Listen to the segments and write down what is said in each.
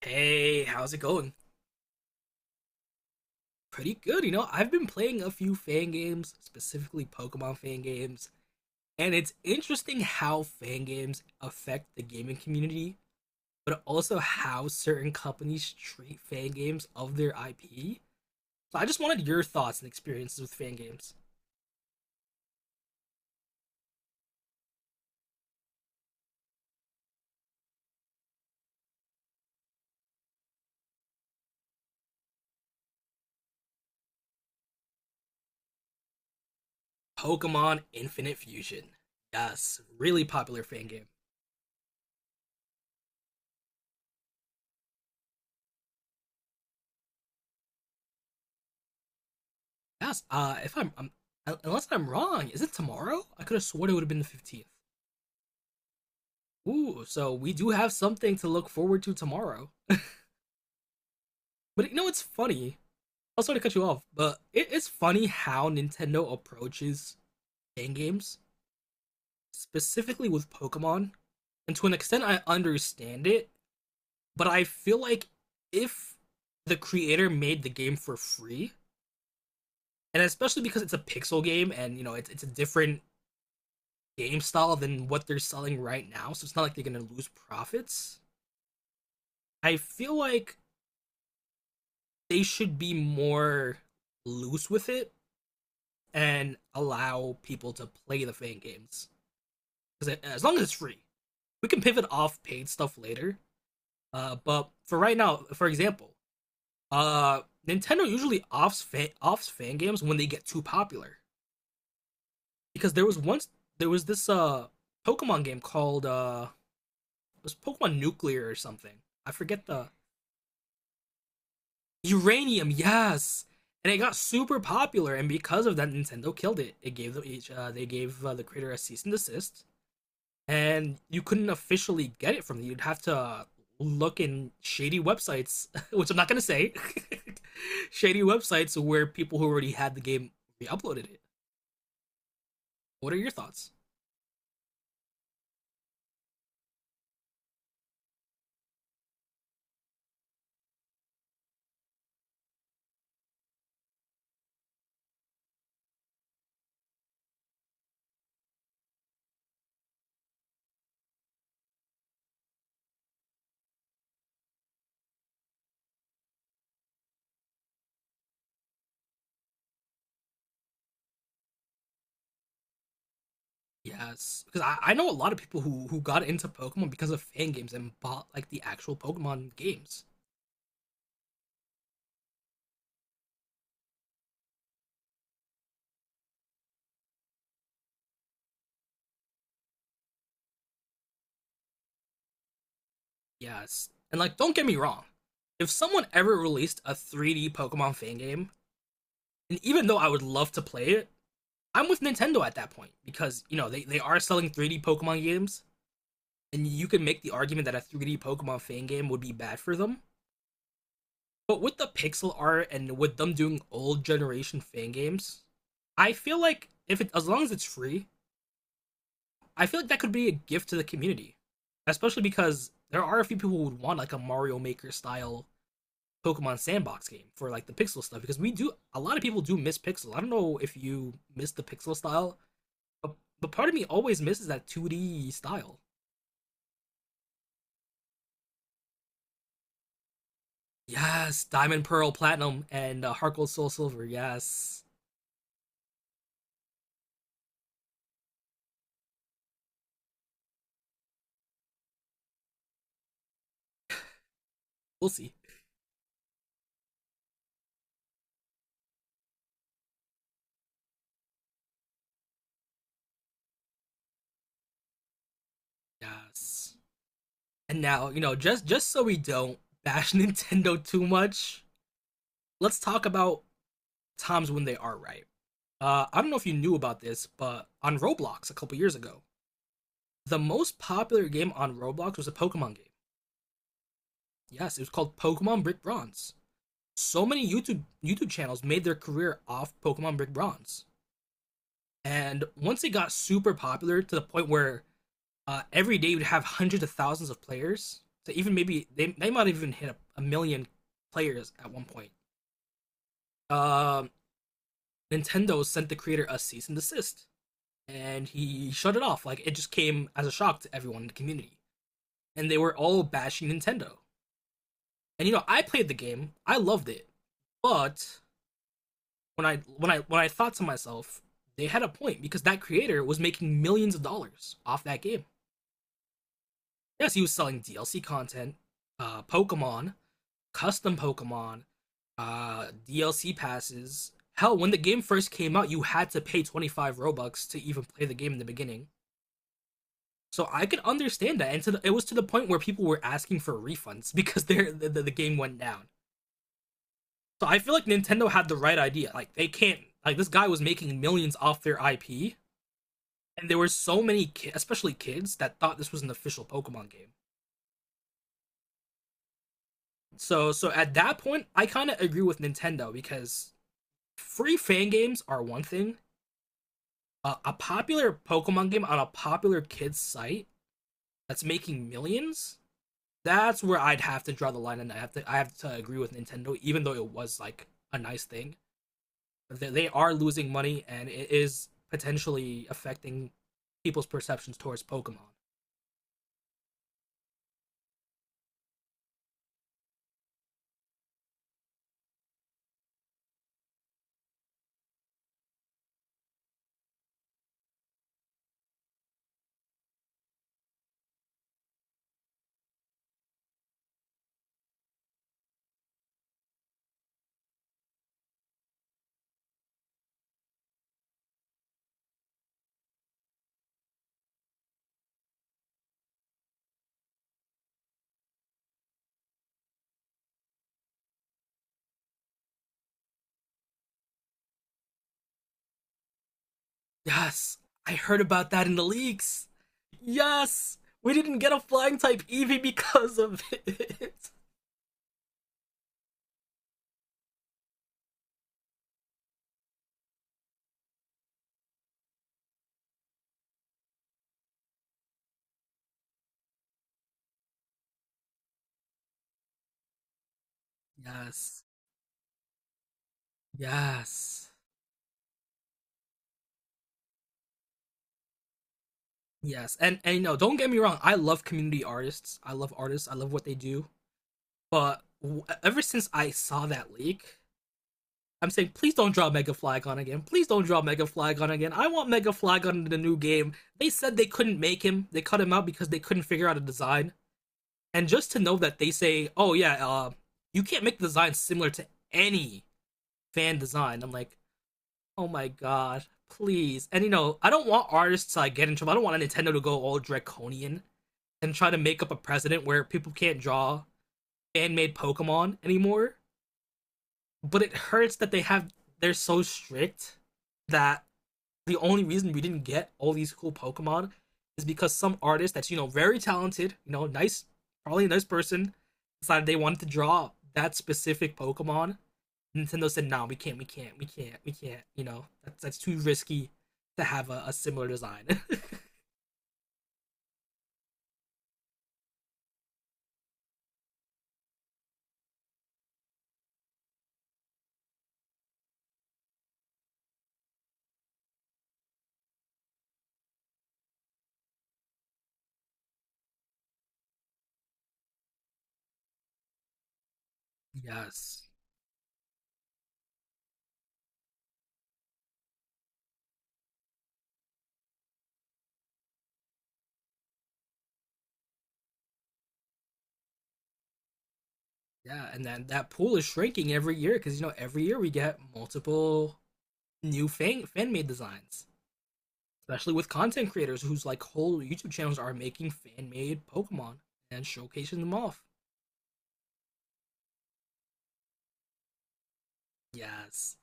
Hey, how's it going? Pretty good. I've been playing a few fan games, specifically Pokemon fan games, and it's interesting how fan games affect the gaming community, but also how certain companies treat fan games of their IP. So I just wanted your thoughts and experiences with fan games. Pokemon Infinite Fusion. Yes, really popular fan game. Yes, if I'm, I'm unless I'm wrong, is it tomorrow? I could have sworn it would have been the 15th. Ooh, so we do have something to look forward to tomorrow. But you know it's funny? I'm sorry to cut you off, but it is funny how Nintendo approaches fan games, specifically with Pokemon. And to an extent, I understand it, but I feel like if the creator made the game for free, and especially because it's a pixel game and it's a different game style than what they're selling right now, so it's not like they're gonna lose profits. I feel like they should be more loose with it and allow people to play the fan games because as long as it's free, we can pivot off paid stuff later. But for right now, for example, uh, Nintendo usually offs fan games when they get too popular because there was this Pokemon game called it was Pokemon Nuclear or something. I forget the Uranium, yes. And it got super popular, and because of that, Nintendo killed it. They gave the creator a cease and desist, and you couldn't officially get it from them. You'd have to look in shady websites, which I'm not gonna say, shady websites where people who already had the game re-uploaded it. What are your thoughts? Yes, because I know a lot of people who got into Pokemon because of fan games and bought like the actual Pokemon games. Yes. And like, don't get me wrong. If someone ever released a 3D Pokemon fan game, and even though I would love to play it, I'm with Nintendo at that point because, they are selling 3D Pokemon games, and you can make the argument that a 3D Pokemon fan game would be bad for them. But with the pixel art and with them doing old generation fan games, I feel like if it, as long as it's free, I feel like that could be a gift to the community. Especially because there are a few people who would want like a Mario Maker style Pokemon sandbox game for like the pixel stuff because we do a lot of people do miss pixel. I don't know if you miss the pixel style, but, part of me always misses that 2D style. Yes, Diamond, Pearl, Platinum, and Heart Gold, Soul, Silver. Yes, we'll see. Yes, and now just so we don't bash Nintendo too much, let's talk about times when they are right. I don't know if you knew about this, but on Roblox a couple years ago, the most popular game on Roblox was a Pokemon game. Yes, it was called Pokemon Brick Bronze. So many YouTube channels made their career off Pokemon Brick Bronze, and once it got super popular to the point where every day you'd have hundreds of thousands of players. So even maybe they might have even hit a million players at one point. Um, Nintendo sent the creator a cease and desist, and he shut it off. Like it just came as a shock to everyone in the community, and they were all bashing Nintendo. And I played the game, I loved it, but when I thought to myself, they had a point because that creator was making millions of dollars off that game. Yes, he was selling DLC content, Pokemon, custom Pokemon, DLC passes. Hell, when the game first came out, you had to pay 25 Robux to even play the game in the beginning. So I could understand that, and it was to the point where people were asking for refunds because the game went down. So I feel like Nintendo had the right idea. Like they can't like this guy was making millions off their IP and there were so many, especially kids, that thought this was an official Pokemon game. So, at that point, I kind of agree with Nintendo because free fan games are one thing. A popular Pokemon game on a popular kids site that's making millions, that's where I'd have to draw the line, and I have to agree with Nintendo, even though it was like a nice thing. They are losing money, and it is potentially affecting people's perceptions towards Pokemon. Yes, I heard about that in the leaks. Yes, we didn't get a flying type Eevee because of it. Yes, yes, yes. And don't get me wrong. I love community artists. I love artists. I love what they do. But ever since I saw that leak, I'm saying please don't draw Mega Flygon again. Please don't draw Mega Flygon again. I want Mega Flygon in the new game. They said they couldn't make him. They cut him out because they couldn't figure out a design. And just to know that they say, "Oh yeah, you can't make designs similar to any fan design." I'm like, "Oh my god, please!" And I don't want artists to like, get in trouble. I don't want Nintendo to go all draconian and try to make up a precedent where people can't draw fan-made Pokemon anymore. But it hurts that they're so strict that the only reason we didn't get all these cool Pokemon is because some artist that's very talented, nice, probably a nice person, decided they wanted to draw that specific Pokemon. Nintendo said, "No, we can't, we can't, we can't, we can't. You know, that's too risky to have a similar design." Yes, yeah, and then that pool is shrinking every year because every year we get multiple new fan made designs. Especially with content creators whose like whole YouTube channels are making fan-made Pokemon and showcasing them off. Yes,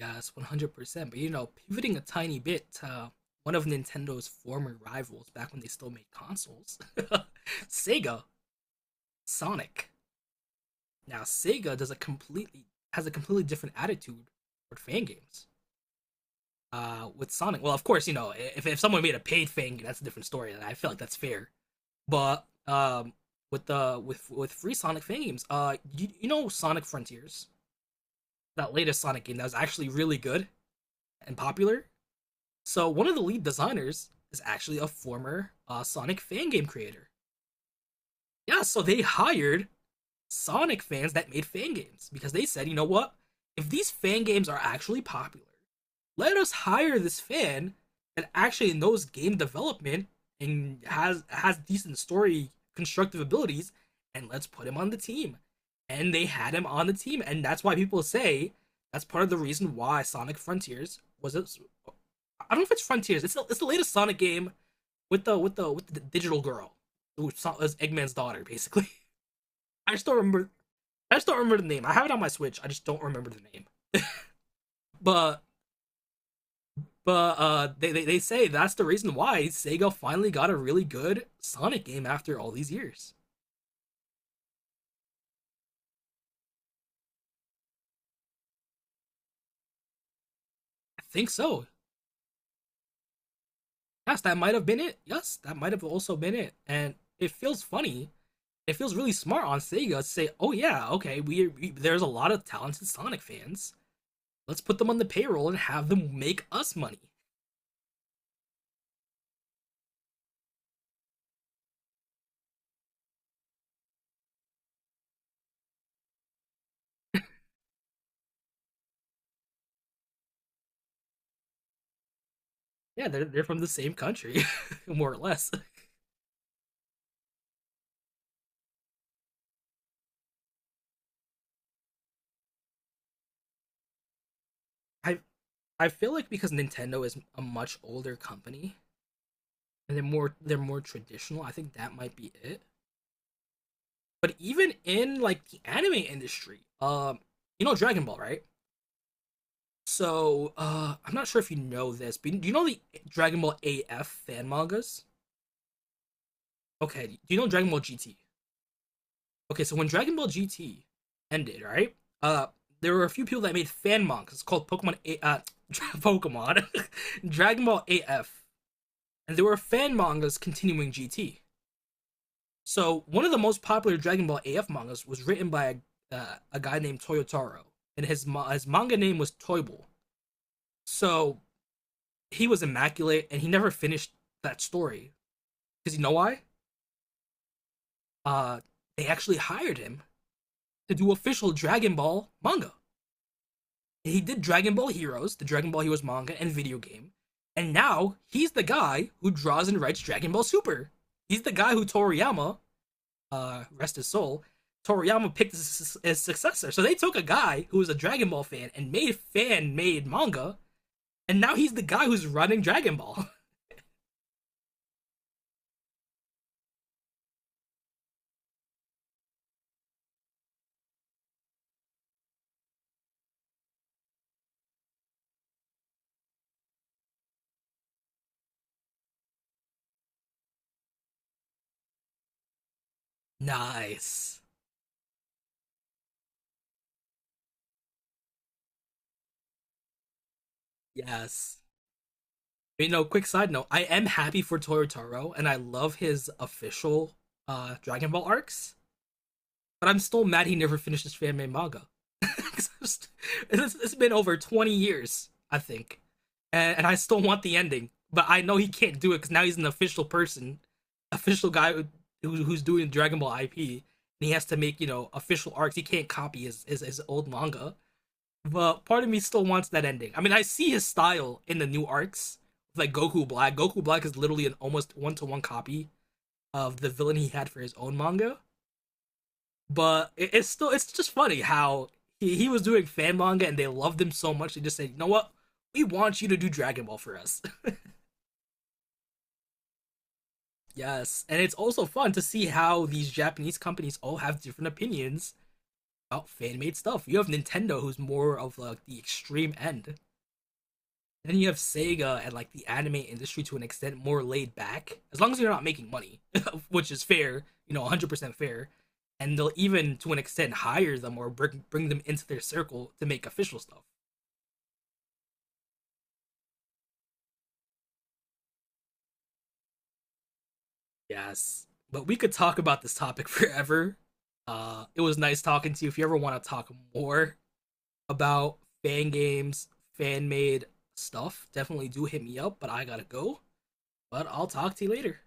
yes, 100%. But pivoting a tiny bit to one of Nintendo's former rivals back when they still made consoles, Sega Sonic. Now, Sega does a completely has a completely different attitude toward fan games. With Sonic, well, of course, if someone made a paid fan game, that's a different story, and I feel like that's fair. But with the with free Sonic games, you know Sonic Frontiers, that latest Sonic game that was actually really good and popular. So one of the lead designers is actually a former Sonic fan game creator. Yeah, so they hired Sonic fans that made fan games because they said, you know what? If these fan games are actually popular, let us hire this fan that actually knows game development and has decent story constructive abilities and let's put him on the team. And they had him on the team and that's why people say that's part of the reason why Sonic Frontiers was it, I don't know if it's Frontiers. It's the latest Sonic game with the with the digital girl who is Eggman's daughter basically. I still remember I just don't remember the name. I have it on my Switch. I just don't remember the name. But they say that's the reason why Sega finally got a really good Sonic game after all these years. I think so. Yes, that might have been it. Yes, that might have also been it. And it feels funny. It feels really smart on Sega to say, "Oh yeah, okay, we there's a lot of talented Sonic fans. Let's put them on the payroll and have them make us money." Yeah, they're from the same country, more or less. I I feel like because Nintendo is a much older company, and they're more traditional. I think that might be it. But even in like the anime industry, you know Dragon Ball, right? So I'm not sure if you know this, but do you know the Dragon Ball AF fan mangas? Okay, do you know Dragon Ball GT? Okay, so when Dragon Ball GT ended, right? Uh, there were a few people that made fan mangas called Pokemon Dragon Ball AF, and there were fan mangas continuing GT. So one of the most popular Dragon Ball AF mangas was written by a guy named Toyotaro, and his manga name was Toible. So he was immaculate, and he never finished that story because you know why? Uh, they actually hired him to do official Dragon Ball manga. And he did Dragon Ball Heroes, the Dragon Ball Heroes manga and video game, and now he's the guy who draws and writes Dragon Ball Super. He's the guy who Toriyama, rest his soul, Toriyama picked his successor. So they took a guy who was a Dragon Ball fan and made fan made manga, and now he's the guy who's running Dragon Ball. Nice. Yes. Quick side note, I am happy for Toru Taro, and I love his official Dragon Ball arcs. But I'm still mad he never finished his fan-made manga. manga. It's been over 20 years, I think, and, I still want the ending, but I know he can't do it because now he's an official person, official guy who's doing Dragon Ball IP, and he has to make official arcs. He can't copy his old manga. But part of me still wants that ending. I mean, I see his style in the new arcs, like Goku Black. Goku Black is literally an almost one to one copy of the villain he had for his own manga. But it's just funny how he was doing fan manga and they loved him so much they just said, you know what, we want you to do Dragon Ball for us. Yes, and it's also fun to see how these Japanese companies all have different opinions about fan made stuff. You have Nintendo, who's more of like the extreme end. Then you have Sega and like the anime industry to an extent more laid back, as long as you're not making money, which is fair, 100% fair. And they'll even to an extent hire them or bring them into their circle to make official stuff. Yes. But we could talk about this topic forever. It was nice talking to you. If you ever want to talk more about fan games, fan made stuff, definitely do hit me up. But I gotta go. But I'll talk to you later.